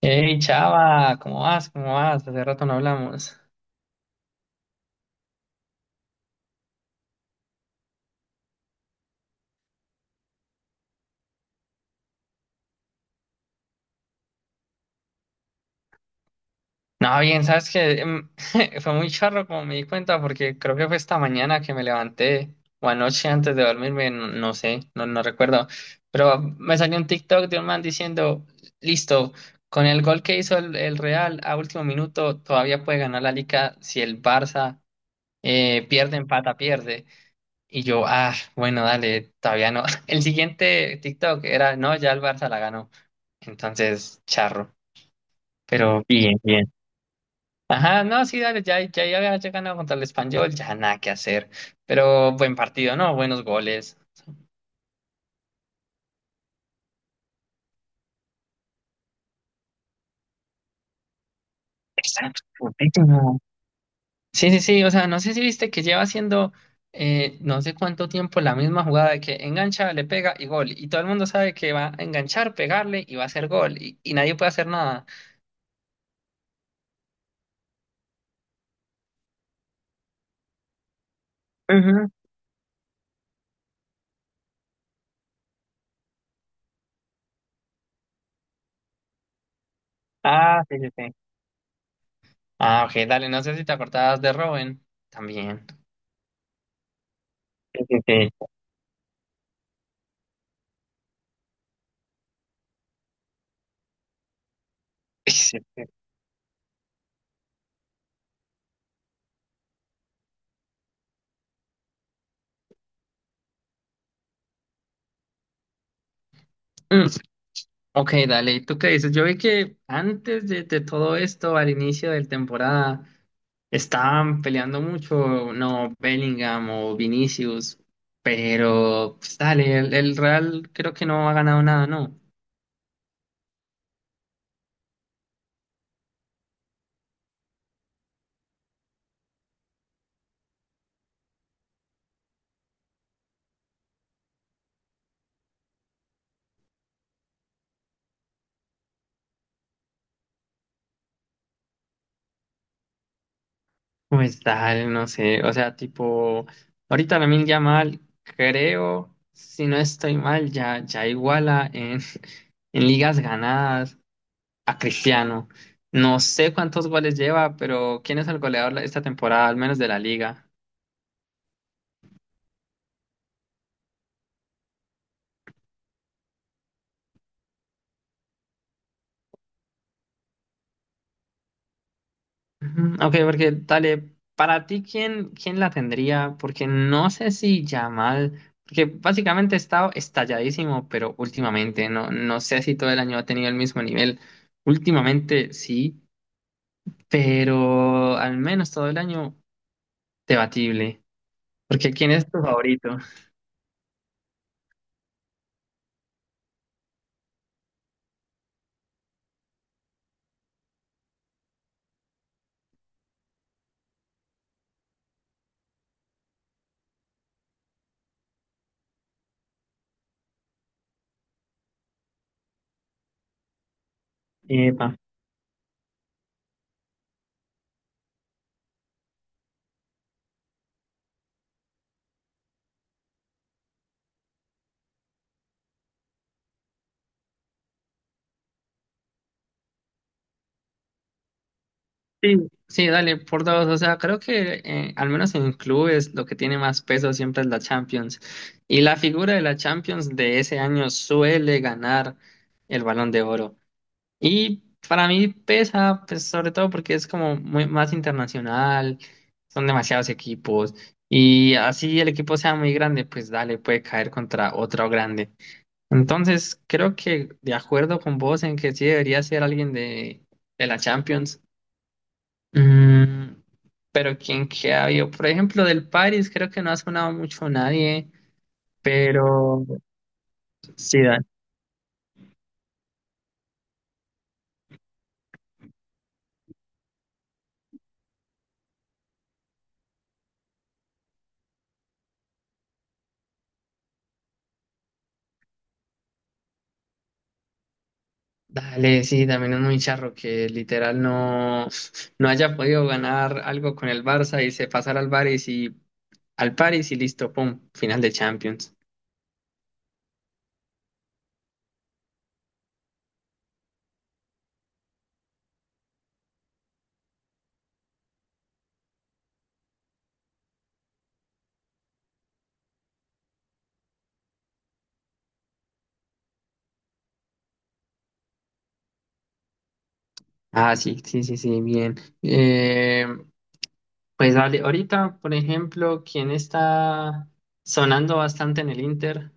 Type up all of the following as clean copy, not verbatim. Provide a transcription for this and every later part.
Hey, chava, ¿cómo vas? ¿Cómo vas? Hace rato no hablamos. No, bien, sabes que fue muy charro como me di cuenta, porque creo que fue esta mañana que me levanté, o anoche antes de dormirme, no, sé, no recuerdo. Pero me salió un TikTok de un man diciendo: Listo, con el gol que hizo el Real a último minuto, todavía puede ganar la Liga si el Barça pierde, empata, pierde. Y yo, ah, bueno, dale, todavía no. El siguiente TikTok era: No, ya el Barça la ganó. Entonces, charro. Pero bien, bien. Ajá, no, sí, dale, ya, ya, ya, ya ganado contra el Español, ya nada que hacer. Pero buen partido, ¿no? Buenos goles. Exacto, perfectísimo. Sí, sí, sí, o sea, no sé si viste que lleva haciendo no sé cuánto tiempo la misma jugada de que engancha, le pega y gol. Y todo el mundo sabe que va a enganchar, pegarle y va a hacer gol. Y nadie puede hacer nada. Ujú. Ah, sí, sí, sí. Ah, ok, dale, no sé si te acordabas de Robin también. Sí, sí, sí. Sí, sí, sí. Mm. Ok, dale, ¿y tú qué dices? Yo vi que antes de todo esto, al inicio de la temporada, estaban peleando mucho, no, Bellingham o Vinicius, pero pues dale, el Real creo que no ha ganado nada, ¿no? Pues dale, no sé, o sea, tipo, ahorita Lamine Yamal, creo, si no estoy mal, ya, ya iguala en, en ligas ganadas a Cristiano. No sé cuántos goles lleva, pero ¿quién es el goleador esta temporada, al menos de la liga? Ujú, ok, porque dale, para ti, ¿quién, quién la tendría? Porque no sé si Yamal, porque básicamente ha estado estalladísimo, pero últimamente, no, no sé si todo el año ha tenido el mismo nivel. Últimamente sí, pero al menos todo el año debatible. Porque ¿quién es tu favorito? Epa. Sí, sí, dale, por 2. O sea, creo que al menos en clubes lo que tiene más peso siempre es la Champions. Y la figura de la Champions de ese año suele ganar el Balón de Oro. Y para mí pesa, pues sobre todo porque es como muy, más internacional, son demasiados equipos. Y así el equipo sea muy grande, pues dale, puede caer contra otro grande. Entonces, creo que de acuerdo con vos en que sí debería ser alguien de la Champions. Mm, pero quien que había, por ejemplo, del Paris, creo que no ha sonado mucho nadie, pero sí, dale, sí, también es muy charro que literal no, no haya podido ganar algo con el Barça y se pasara al Paris y listo, pum, final de Champions. Ah, sí, sí, sí, sí, bien. Eh, pues dale, ahorita, por ejemplo, ¿quién está sonando bastante en el Inter?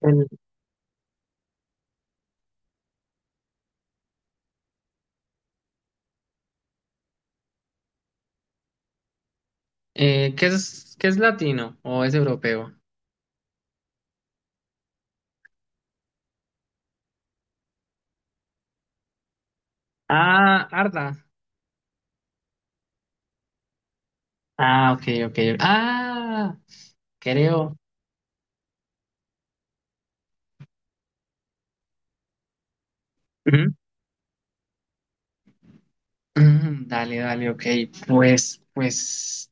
El- qué es latino o es europeo? Ah, Arda. Ah, ok, ok. Ah, creo. Ujú. Mm, dale, dale, ok. Pues, pues,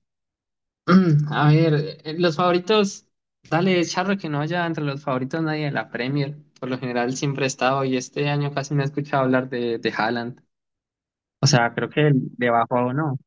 mm, a ver, los favoritos, dale, charro que no haya entre los favoritos nadie de la Premier. Por lo general siempre he estado y este año casi no he escuchado hablar de Haaland. O sea, creo que le bajó o no.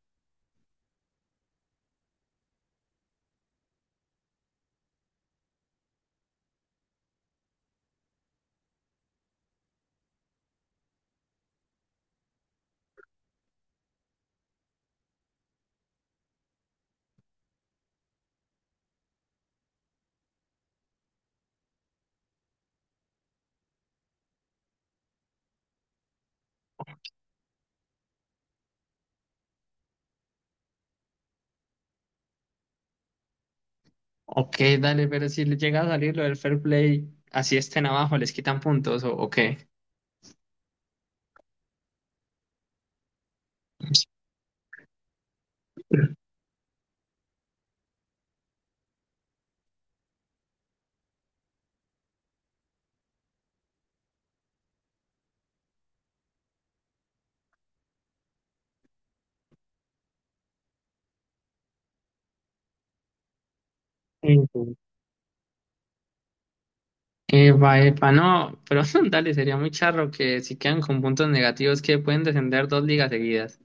Ok, dale, pero si le llega a salir lo del fair play, así estén abajo, les quitan puntos o qué. Sí, sí. Epa, epa, no, pero dale, sería muy charro que si quedan con puntos negativos que pueden descender dos ligas seguidas.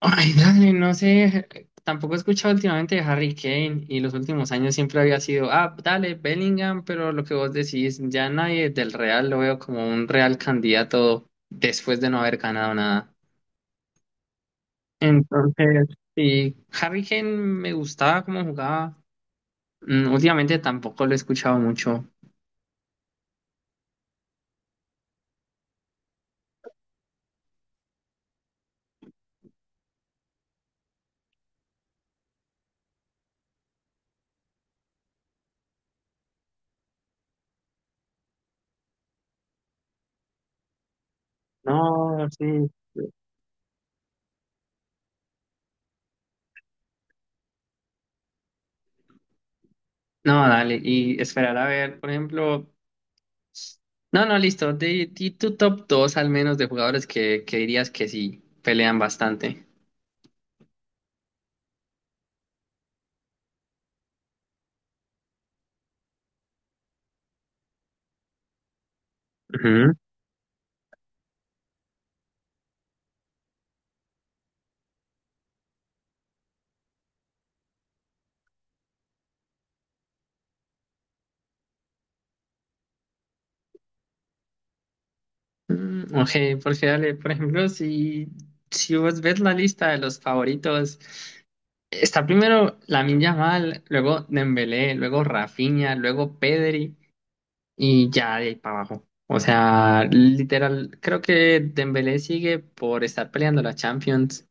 Ay, dale, no sé, tampoco he escuchado últimamente de Harry Kane y los últimos años siempre había sido, ah, dale, Bellingham, pero lo que vos decís, ya nadie del Real lo veo como un real candidato después de no haber ganado nada. Entonces, sí, Harry Kane me gustaba cómo jugaba. Mm, últimamente tampoco lo he escuchado mucho. No, sí. No, dale, y esperar a ver, por ejemplo, no, no, listo, di, di tu top 2 al menos de jugadores que dirías que sí pelean bastante. Ujú. Mm, ok, porque dale, por ejemplo, si, si vos ves la lista de los favoritos, está primero Lamine Yamal, luego Dembélé, luego Rafinha, luego Pedri y ya de ahí para abajo. O sea, literal, creo que Dembélé sigue por estar peleando la Champions.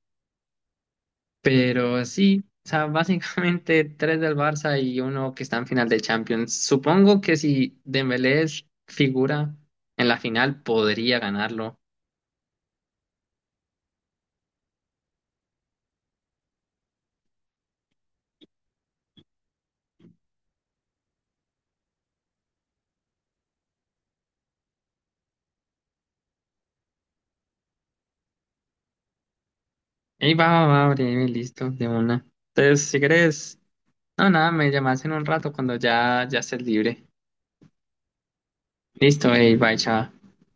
Pero sí, o sea, básicamente tres del Barça y uno que está en final de Champions. Supongo que si Dembélé es figura en la final, podría ganarlo. Y va, va, va, breve, listo, de una. Entonces, si crees, no, nada, me llamas en un rato cuando ya, ya estés libre. Listo, ey, bye, chao.